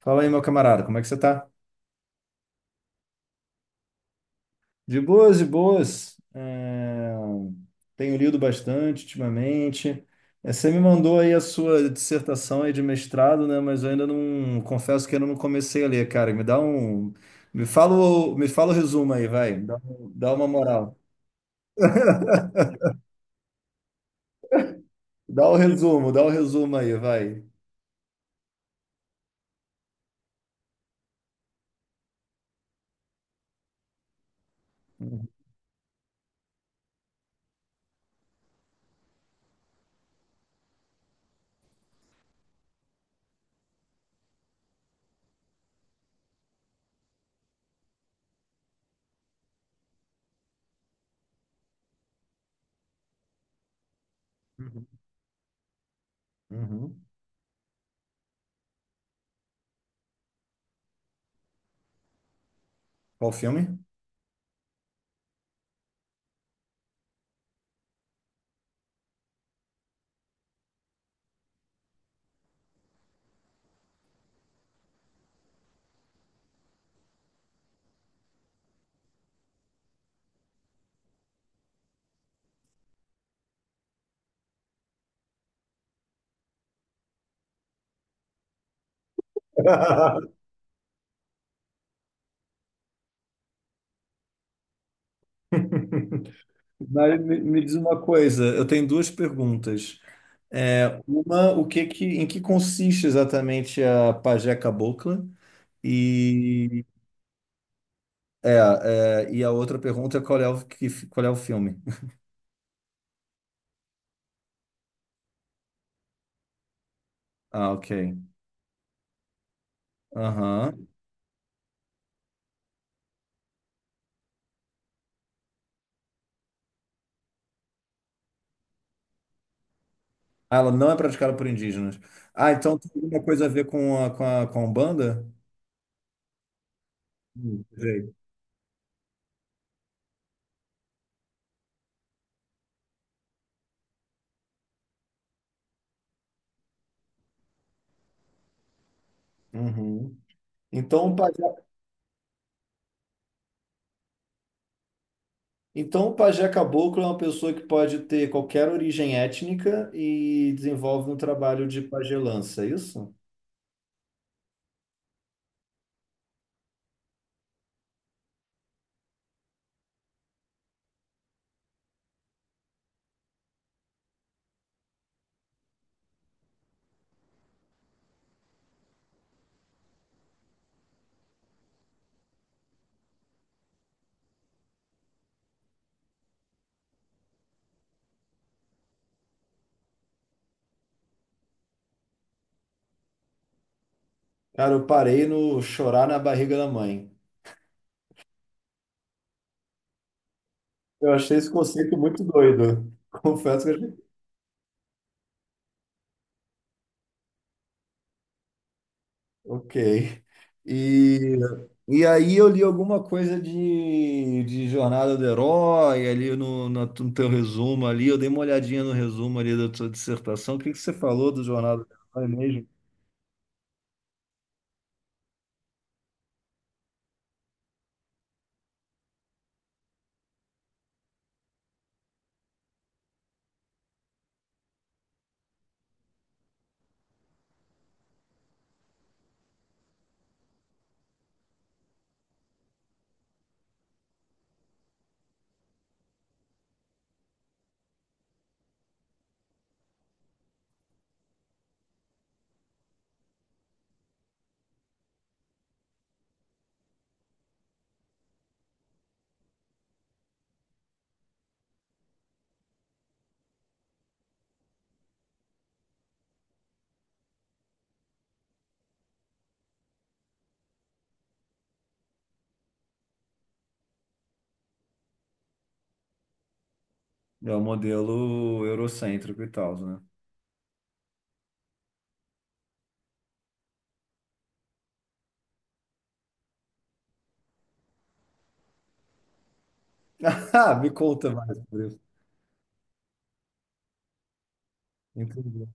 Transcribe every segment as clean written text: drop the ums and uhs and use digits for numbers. Fala aí, meu camarada, como é que você tá? De boas, de boas. Tenho lido bastante ultimamente. Você me mandou aí a sua dissertação aí de mestrado, né? Mas eu ainda não, confesso que ainda não comecei a ler, cara. Me fala o resumo aí, vai. Dá uma moral. Dá o resumo aí, vai. Uhum. Uhum. Qual filme? Mas me diz uma coisa, eu tenho duas perguntas. Uma, em que consiste exatamente a pajé cabocla? E, é, e a outra pergunta é qual é qual é o filme? Ah, ok. Aham. Ah, ela não é praticada por indígenas. Ah, então tem alguma coisa a ver com com a Umbanda? Jeito. Uhum. Então, o pajé, então, o pajé caboclo é uma pessoa que pode ter qualquer origem étnica e desenvolve um trabalho de pajelança, é isso? Cara, eu parei no chorar na barriga da mãe. Eu achei esse conceito muito doido. Confesso que eu achei. Ok. E, e aí eu li alguma coisa de Jornada do Herói, ali no teu resumo ali, eu dei uma olhadinha no resumo ali da tua dissertação. O que que você falou do Jornada do Herói mesmo? É o modelo eurocêntrico e tal, né? Ah, me conta mais sobre isso. Entendi.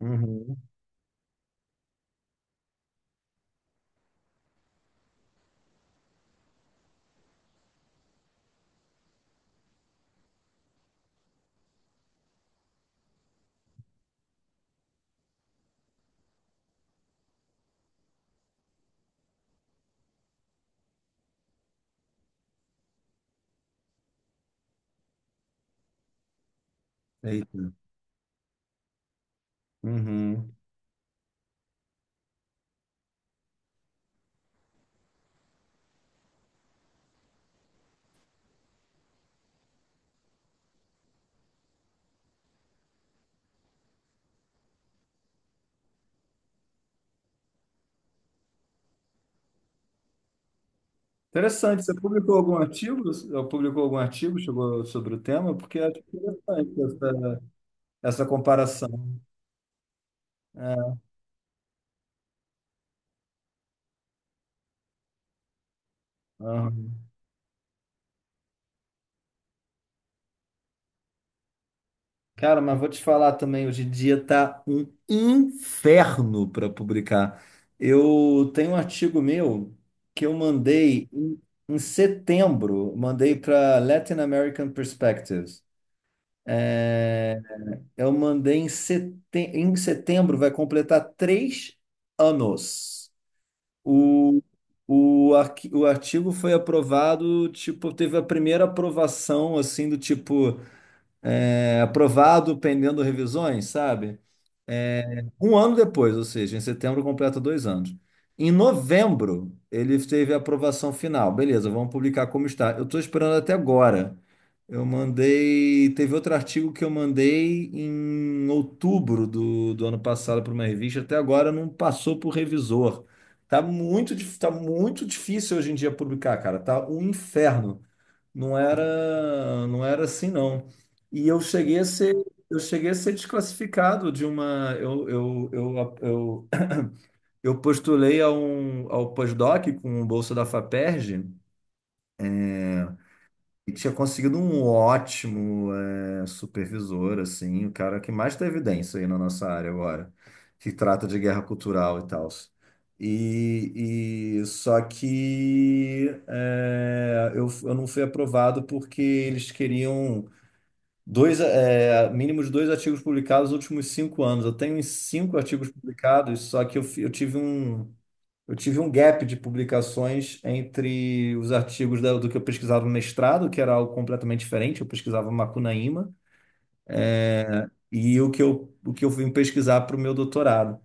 Uhum. Eita. Uhum. Interessante, você publicou algum artigo? Ou publicou algum artigo, chegou sobre o tema? Porque acho interessante essa comparação. É. Aham. Cara, mas vou te falar também, hoje em dia tá um inferno para publicar. Eu tenho um artigo meu que eu mandei em setembro, mandei para Latin American Perspectives. É, eu mandei em, sete, em setembro, vai completar 3 anos. O, o artigo foi aprovado, tipo, teve a primeira aprovação, assim, do tipo, é, aprovado pendendo revisões, sabe? É, um ano depois, ou seja, em setembro completa 2 anos. Em novembro, ele teve a aprovação final. Beleza, vamos publicar como está. Eu estou esperando até agora. Eu mandei. Teve outro artigo que eu mandei em outubro do ano passado para uma revista. Até agora não passou por revisor. Tá muito difícil hoje em dia publicar, cara. Tá um inferno. Não era assim, não. E eu cheguei a ser, eu cheguei a ser desclassificado de uma, eu postulei a um, ao pós-doc com bolsa da FAPERJ e tinha conseguido um ótimo supervisor, assim, o cara que mais tem evidência aí na nossa área agora, que trata de guerra cultural e tal. E só que eu não fui aprovado porque eles queriam Dois, é, mínimo de dois artigos publicados nos últimos 5 anos. Eu tenho uns cinco artigos publicados, só que eu tive um gap de publicações entre os artigos do que eu pesquisava no mestrado, que era algo completamente diferente, eu pesquisava Macunaíma, e o que eu vim pesquisar para o meu doutorado.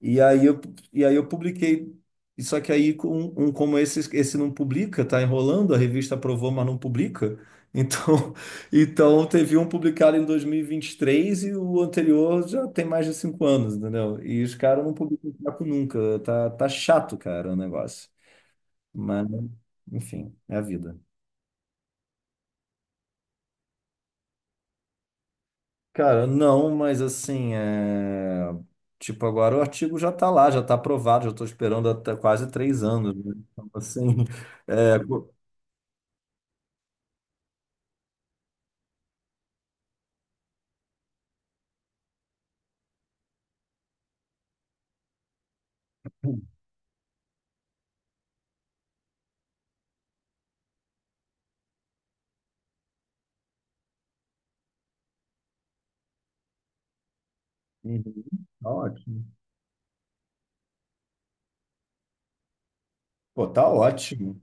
E aí eu, e aí eu publiquei. E só que aí, com um, como esse não publica, tá enrolando, a revista aprovou, mas não publica. Então, então teve um publicado em 2023 e vinte e três e o anterior já tem mais de 5 anos, entendeu? E os caras não publicam papo nunca. Tá, tá chato, cara, o negócio. Mas, enfim, é a vida. Cara, não, mas assim, é, tipo, agora o artigo já está lá, já está aprovado, já estou esperando até quase 3 anos, né? Então, assim, é, co- Uhum, tá ótimo. Pô, tá ótimo.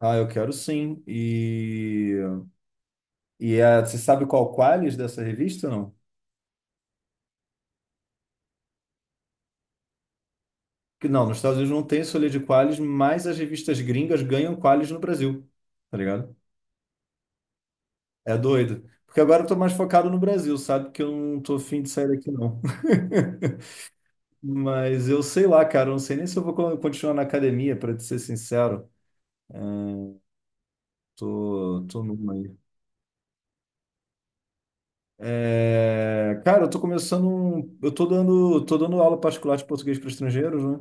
Ah, eu quero sim. E é, você sabe qual Qualis dessa revista, não? Que não, nos Estados Unidos não tem solha de Qualis, mas as revistas gringas ganham Qualis no Brasil, tá ligado? É doido. Porque agora eu tô mais focado no Brasil, sabe? Que eu não tô afim de sair daqui, não. Mas eu sei lá, cara, eu não sei nem se eu vou continuar na academia, para te ser sincero. Tô numa aí. É, cara, eu tô dando aula particular de português para estrangeiros, né?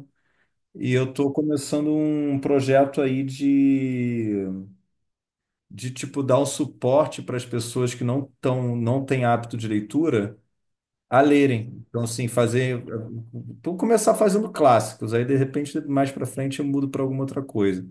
E eu tô começando um projeto aí de tipo dar um suporte para as pessoas que não tão, não têm hábito de leitura a lerem. Então, assim, fazer, vou começar fazendo clássicos, aí de repente mais para frente eu mudo para alguma outra coisa.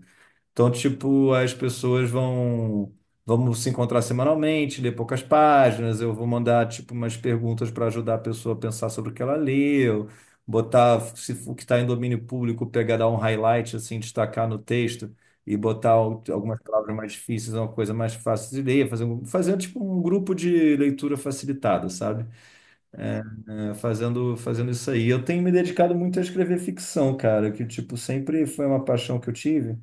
Então, tipo, as pessoas vão vamos se encontrar semanalmente, ler poucas páginas, eu vou mandar tipo umas perguntas para ajudar a pessoa a pensar sobre o que ela leu, botar se o que está em domínio público, pegar dar um highlight assim, destacar no texto e botar algumas palavras mais difíceis, uma coisa mais fácil de ler, fazer tipo um grupo de leitura facilitada, sabe? É, fazendo isso aí. Eu tenho me dedicado muito a escrever ficção, cara, que tipo sempre foi uma paixão que eu tive.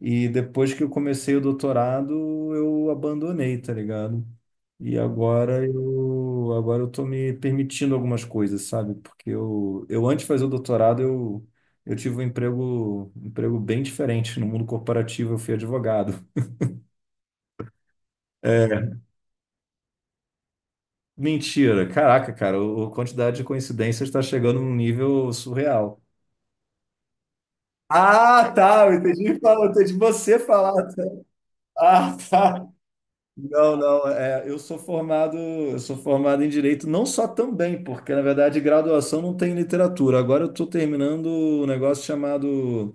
E depois que eu comecei o doutorado, eu abandonei, tá ligado? E agora eu tô me permitindo algumas coisas, sabe? Porque eu antes de fazer o doutorado, eu tive um emprego bem diferente no mundo corporativo, eu fui advogado. É, mentira. Caraca, cara, a quantidade de coincidências está chegando num nível surreal. Ah, tá, eu entendi, eu entendi você falar. Ah, tá. Não, não, eu sou formado em direito, não só também, porque na verdade graduação não tem literatura. Agora eu estou terminando um negócio chamado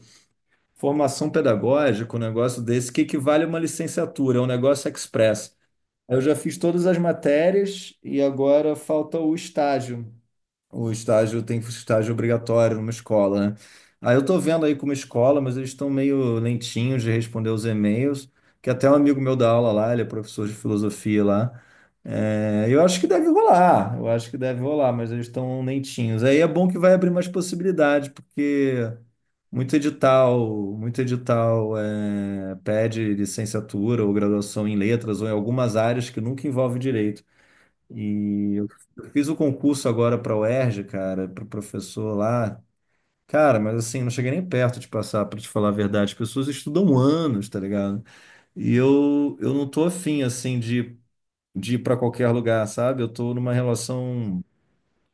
formação pedagógica, um negócio desse que equivale a uma licenciatura, é um negócio express. Eu já fiz todas as matérias e agora falta o estágio, o estágio tem estágio obrigatório numa escola, né? Aí eu tô vendo aí com uma escola, mas eles estão meio lentinhos de responder os e-mails, que até um amigo meu dá aula lá, ele é professor de filosofia lá. É, eu acho que deve rolar, eu acho que deve rolar, mas eles estão lentinhos. Aí é bom que vai abrir mais possibilidades, porque muito edital, muito edital é, pede licenciatura ou graduação em letras ou em algumas áreas que nunca envolve direito. E eu eu fiz o concurso agora para o UERJ, cara, para professor lá. Cara, mas assim, não cheguei nem perto de passar, para te falar a verdade. As pessoas estudam anos, tá ligado? Eu não tô afim, assim, de ir para qualquer lugar, sabe? Eu tô numa relação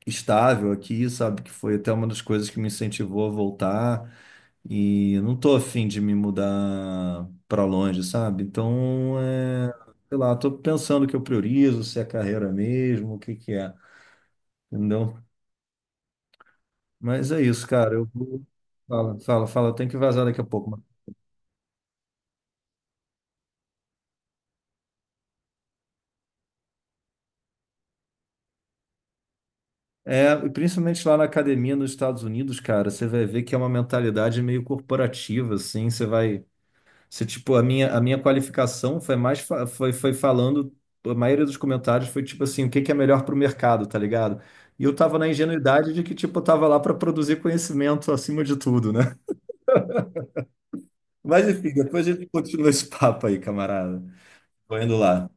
estável aqui, sabe? Que foi até uma das coisas que me incentivou a voltar. E eu não tô afim de me mudar para longe, sabe? Então, é, sei lá, tô pensando o que eu priorizo, se é carreira mesmo, o que que é. Entendeu? Mas é isso, cara. Eu vou. Fala, fala, fala. Eu tenho que vazar daqui a pouco, mano. É, e principalmente lá na academia nos Estados Unidos, cara, você vai ver que é uma mentalidade meio corporativa, assim. Você vai. Você, tipo, a minha qualificação foi mais. Foi falando. A maioria dos comentários foi tipo assim: o que que é melhor para o mercado, tá ligado? E eu tava na ingenuidade de que, tipo, eu tava lá para produzir conhecimento acima de tudo, né? Mas enfim, depois a gente continua esse papo aí, camarada. Tô indo lá.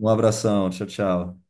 Um abração. Tchau, tchau.